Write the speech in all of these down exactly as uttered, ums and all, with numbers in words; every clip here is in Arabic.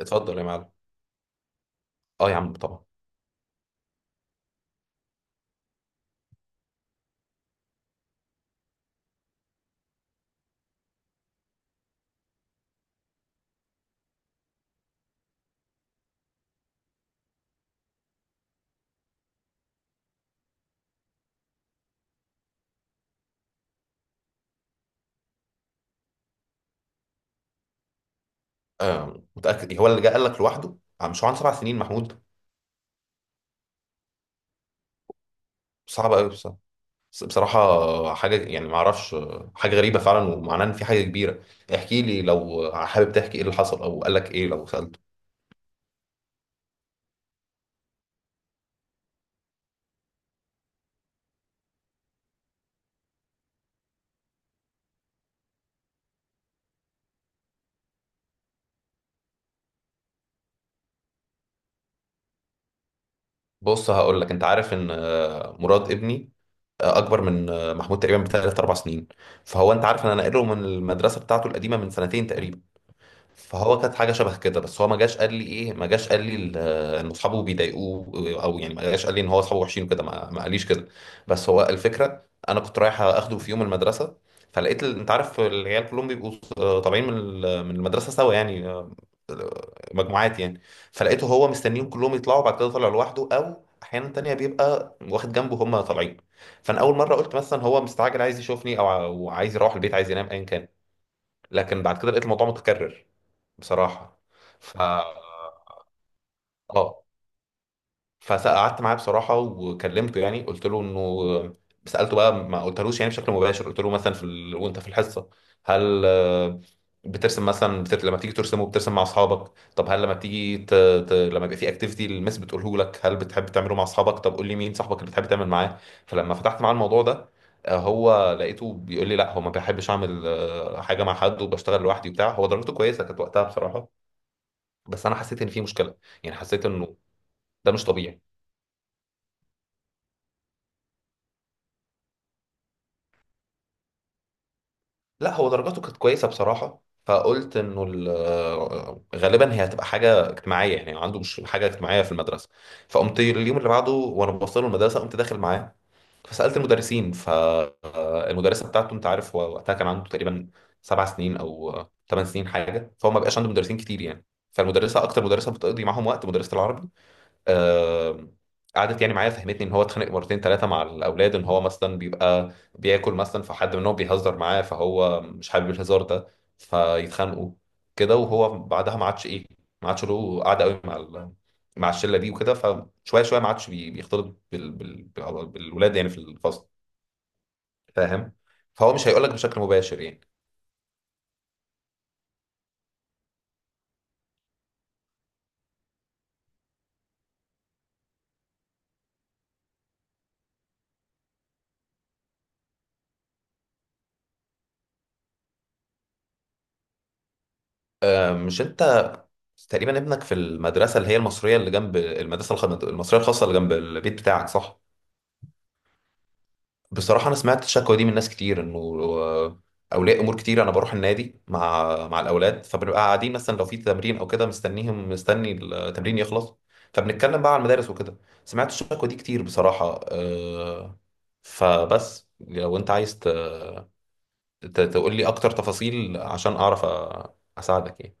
اتفضل يا معلم. اه يا عم طبعا. آه متاكد إيه؟ هو اللي جه قال لك لوحده، آه، مش هو عنده سبع سنين محمود؟ صعب قوي بصراحه. بس- بصراحه حاجه يعني ما اعرفش، آه، حاجه غريبه فعلا ومعناه ان في حاجه كبيره. احكي لي لو حابب تحكي ايه اللي حصل او قال لك ايه لو سالته. بص هقول لك، انت عارف ان آه، مراد ابني آه، اكبر من آه، محمود تقريبا بثلاث اربع سنين. فهو انت عارف ان انا ناقله من المدرسه بتاعته القديمه من سنتين تقريبا. فهو كانت حاجه شبه كده، بس هو ما جاش قال لي ايه، ما جاش قال لي ال- ان اصحابه بيضايقوه، او يعني ما جاش قال لي ان هو اصحابه وحشين وكده ما, ما قاليش كده. بس هو الفكره انا كنت رايح اخده في يوم المدرسه، فلقيت ال- انت عارف العيال كلهم بيبقوا آه، طالعين من ال- من المدرسه سوا يعني، آه، مجموعات يعني. فلقيته هو مستنيهم كلهم يطلعوا بعد كده، طالع لوحده، او احيانا تانية بيبقى واخد جنبه هم طالعين. فانا اول مره قلت مثلا هو مستعجل عايز يشوفني، او ع- أو عايز يروح البيت، عايز ينام، ايا كان. لكن بعد كده لقيت الموضوع متكرر بصراحة. ف اه فقعدت معاه بصراحة وكلمته يعني، قلت له انه، سألته بقى ما قلتلوش يعني بشكل مباشر، قلت له مثلا في ال... وانت في الحصة هل آه، بترسم مثلا، بتر... لما بتيجي ترسم وبترسم مع اصحابك؟ طب هل لما بتيجي ت... ت... لما يبقى في اكتيفيتي المس بتقوله لك هل بتحب تعمله مع اصحابك؟ طب قول لي مين صاحبك اللي بتحب تعمل معاه؟ فلما فتحت معاه الموضوع ده، آه، هو لقيته بيقول لي لا هو ما بيحبش اعمل آه، حاجه مع حد، وبشتغل لوحدي وبتاع. هو درجته كويسه كانت وقتها بصراحه، بس انا حسيت ان في مشكله، يعني حسيت انه ده مش طبيعي. لا هو درجاته كانت كويسه بصراحه، فقلت انه ال- آه، غالبا هي هتبقى حاجه اجتماعيه يعني، عنده مش حاجه اجتماعيه في المدرسه. فقمت اليوم اللي بعده وانا بوصله المدرسه قمت داخل معاه، فسالت المدرسين فالمدرسه بتاعته. انت عارف هو وقتها كان عنده تقريبا سبع سنين او ثمان سنين حاجه، فهو ما بقاش عنده مدرسين كتير يعني. فالمدرسه اكتر مدرسه بتقضي معاهم وقت مدرسه العربي. آه، قعدت يعني معايا، فهمتني ان هو اتخانق مرتين ثلاثه مع الاولاد، ان هو مثلا بيبقى بياكل مثلا فحد منهم بيهزر معاه، فهو مش حابب الهزار ده فيتخانقوا كده. وهو بعدها ما عادش ايه، ما عادش له قعده قوي مع ال... مع الشله دي وكده. فشويه شويه ما عادش بي- بيختلط بال... بال... بال- بالولاد يعني في الفصل، فاهم؟ فهو مش هيقول لك بشكل مباشر يعني. آه، مش انت تقريبا ابنك في المدرسه اللي هي المصريه اللي جنب المدرسه الخ- المصريه الخاصه اللي جنب البيت بتاعك، صح؟ بصراحة أنا سمعت الشكوى دي من ناس كتير، إنه آه، أولياء أمور كتير. أنا بروح النادي مع مع الأولاد فبنبقى قاعدين مثلا لو في تمرين أو كده، مستنيهم مستني التمرين يخلص، فبنتكلم بقى على المدارس وكده. سمعت الشكوى دي كتير بصراحة، آه، فبس لو أنت عايز ت- ت- تقول لي أكتر تفاصيل عشان أعرف أ- أساعدك يعني.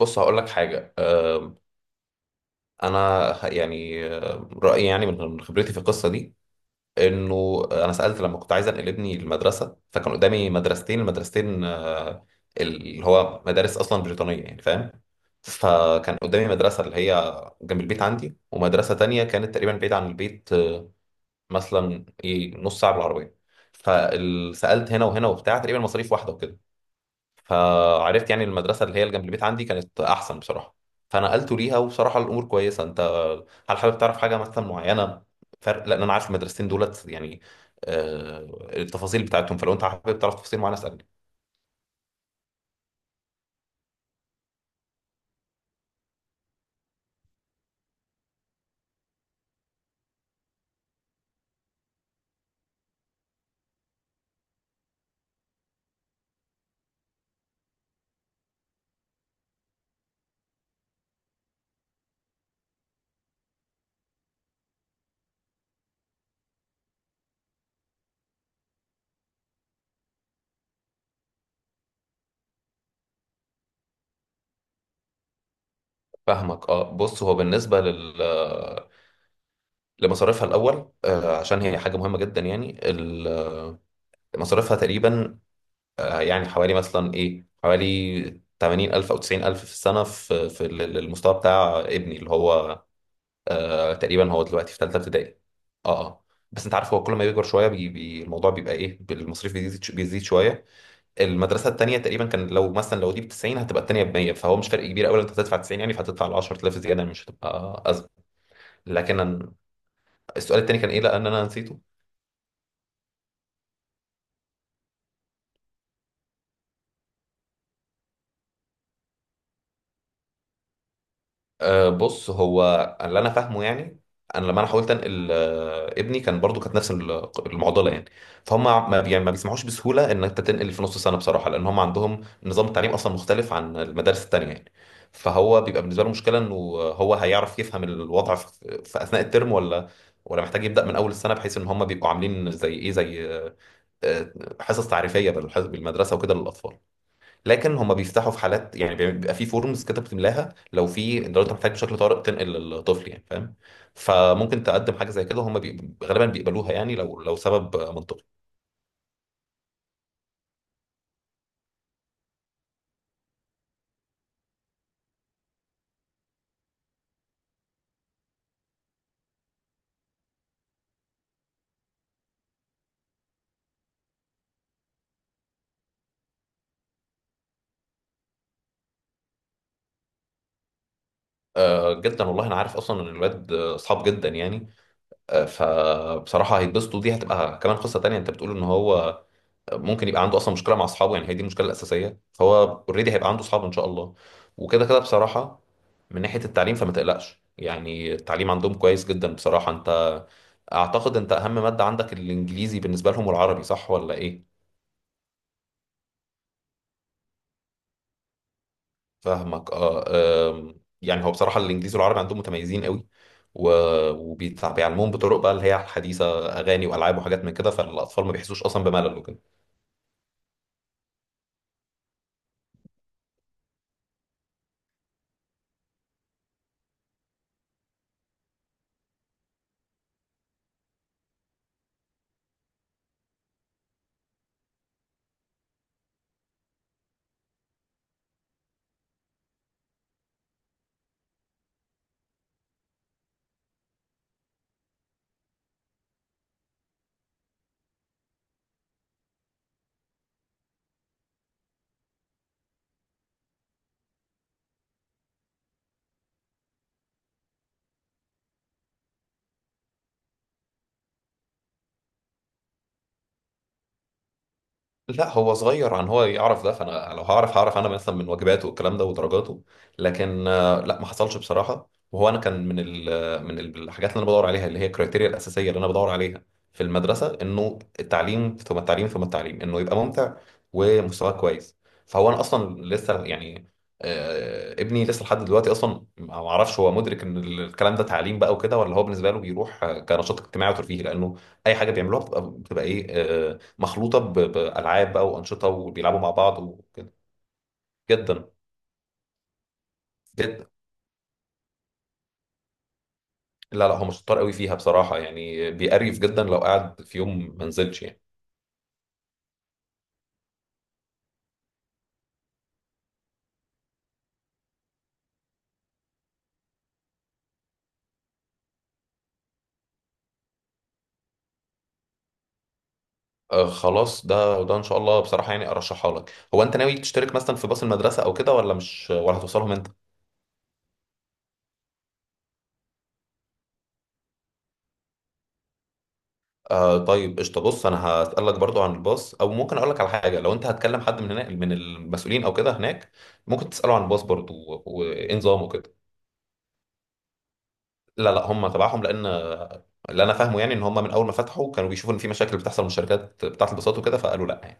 بص هقول لك حاجة، آه، أنا ه- يعني آه، رأيي يعني من خبرتي في القصة دي، انه انا سالت لما كنت عايز انقل ابني المدرسه، فكان قدامي مدرستين. المدرستين آه، اللي هو مدارس اصلا بريطانيه يعني، فاهم؟ فكان قدامي مدرسه اللي هي جنب البيت عندي، ومدرسه تانية كانت تقريبا بعيد عن البيت، آه، مثلا ايه نص ساعه بالعربيه. فسالت هنا وهنا وبتاع، تقريبا مصاريف واحده وكده. فعرفت يعني المدرسة اللي هي اللي جنب البيت عندي كانت أحسن بصراحة، فنقلته ليها، وبصراحة الأمور كويسة. أنت هل حابب تعرف حاجة مثلا معينة؟ فرق، لأن أنا عارف المدرستين دولت يعني، آه، التفاصيل بتاعتهم، فلو أنت حابب تعرف تفاصيل معينة اسألني. فاهمك. أه بص، هو بالنسبة لل لمصاريفها الأول، آه، عشان هي حاجة مهمة جدا يعني. ال- مصاريفها تقريبا، آه، يعني حوالي مثلا إيه، حوالي ثمانين ألف أو تسعين ألف في السنة، في في المستوى بتاع ابني اللي هو آه تقريبا هو دلوقتي في ثالثه ابتدائي. اه اه. بس انت عارف هو كل ما بيكبر شويه بي بي الموضوع بيبقى ايه، المصاريف بيزيد بيزيد شويه. المدرسه الثانيه تقريبا كان، لو مثلا لو دي ب تسعين، هتبقى الثانيه ب مية، فهو مش فرق كبير قوي، انت هتدفع تسعين يعني، فهتدفع ال عشر تلاف زياده مش هتبقى ازمه. لكن أنا- السؤال الثاني كان ايه لان انا نسيته؟ أه بص، هو اللي انا فاهمه يعني، انا لما انا حاولت انقل آه، ابني، كان برضو كانت نفس ال- المعضله يعني، فهم ما بي- يعني ما بيسمحوش بسهوله ان انت تنقل في نص سنه بصراحه، لان هم عندهم نظام التعليم اصلا مختلف عن المدارس التانيه يعني. فهو بيبقى بالنسبه له مشكله، انه هو هيعرف يفهم الوضع في في اثناء الترم، ولا ولا محتاج يبدا من اول السنه، بحيث ان هم بيبقوا عاملين زي ايه، زي آه، آه، حصص تعريفيه بالح- بالمدرسه وكده للاطفال. لكن هم بيفتحوا في حالات يعني، بيبقى في فورمز كده بتملاها، لو في لو انت محتاج بشكل طارئ تنقل للطفل، يعني فاهم. فممكن تقدم حاجه زي كده هم بي... غالبا بيقبلوها يعني، لو لو سبب منطقي. آه جدا والله، انا عارف اصلا ان الولاد اصحاب جدا يعني. آه فبصراحه هيتبسطوا. دي هتبقى كمان قصه تانية، انت بتقول ان هو ممكن يبقى عنده اصلا مشكله مع اصحابه، يعني هي دي المشكله الاساسيه، فهو اوريدي هيبقى عنده اصحاب ان شاء الله. وكده كده بصراحه، من ناحيه التعليم فما تقلقش يعني، التعليم عندهم كويس جدا بصراحه. انت اعتقد انت اهم مادة عندك الانجليزي بالنسبة لهم والعربي، صح ولا ايه؟ فاهمك. اه آم، يعني هو بصراحة الانجليزي والعربي عندهم متميزين قوي، وبيعلموهم بطرق بقى اللي هي الحديثة، اغاني والعاب وحاجات من كده، فالاطفال ما بيحسوش اصلا بملل وكده. لا هو صغير عن هو يعرف ده، فانا لو هعرف هعرف انا مثلا من واجباته والكلام ده ودرجاته. لكن آه، لا ما حصلش بصراحه. وهو انا كان من ال من ال- الحاجات اللي انا بدور عليها، اللي هي الكريتيريا الاساسيه اللي انا بدور عليها في المدرسه، انه التعليم ثم التعليم ثم التعليم، انه يبقى ممتع ومستواه كويس. فهو انا اصلا لسه يعني، آه، ابني لسه لحد دلوقتي اصلا ما اعرفش هو مدرك ان الكلام ده تعليم بقى وكده، ولا هو بالنسبه له بيروح آه، كنشاط اجتماعي وترفيهي، لانه اي حاجه بيعملوها بتبقى بتبقى ايه آه، مخلوطه ب- بالعاب بقى وانشطه، وبيلعبوا مع بعض وكده. جدا، جدا. لا لا، هو مش شطار قوي فيها بصراحه يعني، بيقريف جدا لو قعد في يوم ما نزلش يعني. آه خلاص، ده ده ان شاء الله بصراحه، يعني ارشحها لك. هو انت ناوي تشترك مثلا في باص المدرسه او كده، ولا مش، ولا هتوصلهم انت؟ آه طيب قشطه. بص انا هسالك برضو عن الباص، او ممكن اقول لك على حاجه، لو انت هتكلم حد من هناك من المسؤولين او كده هناك، ممكن تساله عن الباص برضو و- وايه نظامه كده. لا لا، هم تبعهم، لان اللي انا فاهمه يعني ان هم من اول ما فتحوا كانوا بيشوفوا ان في مشاكل بتحصل من الشركات بتاعه الباصات وكده، فقالوا لا يعني.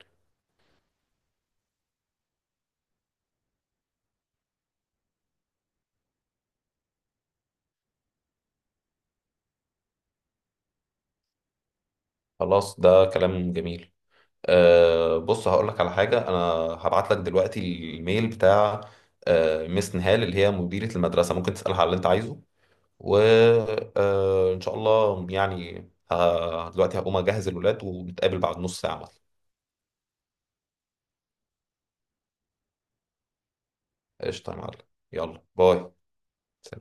خلاص ده كلام جميل. أه بص هقول لك على حاجه، انا هبعت لك دلوقتي الميل بتاع أه ميس نهال اللي هي مديره المدرسه، ممكن تسالها على اللي انت عايزه. وان شاء الله يعني ه- دلوقتي هقوم اجهز الولاد ونتقابل بعد نص ساعه مثلا. قشطه يا معلم. يلا باي.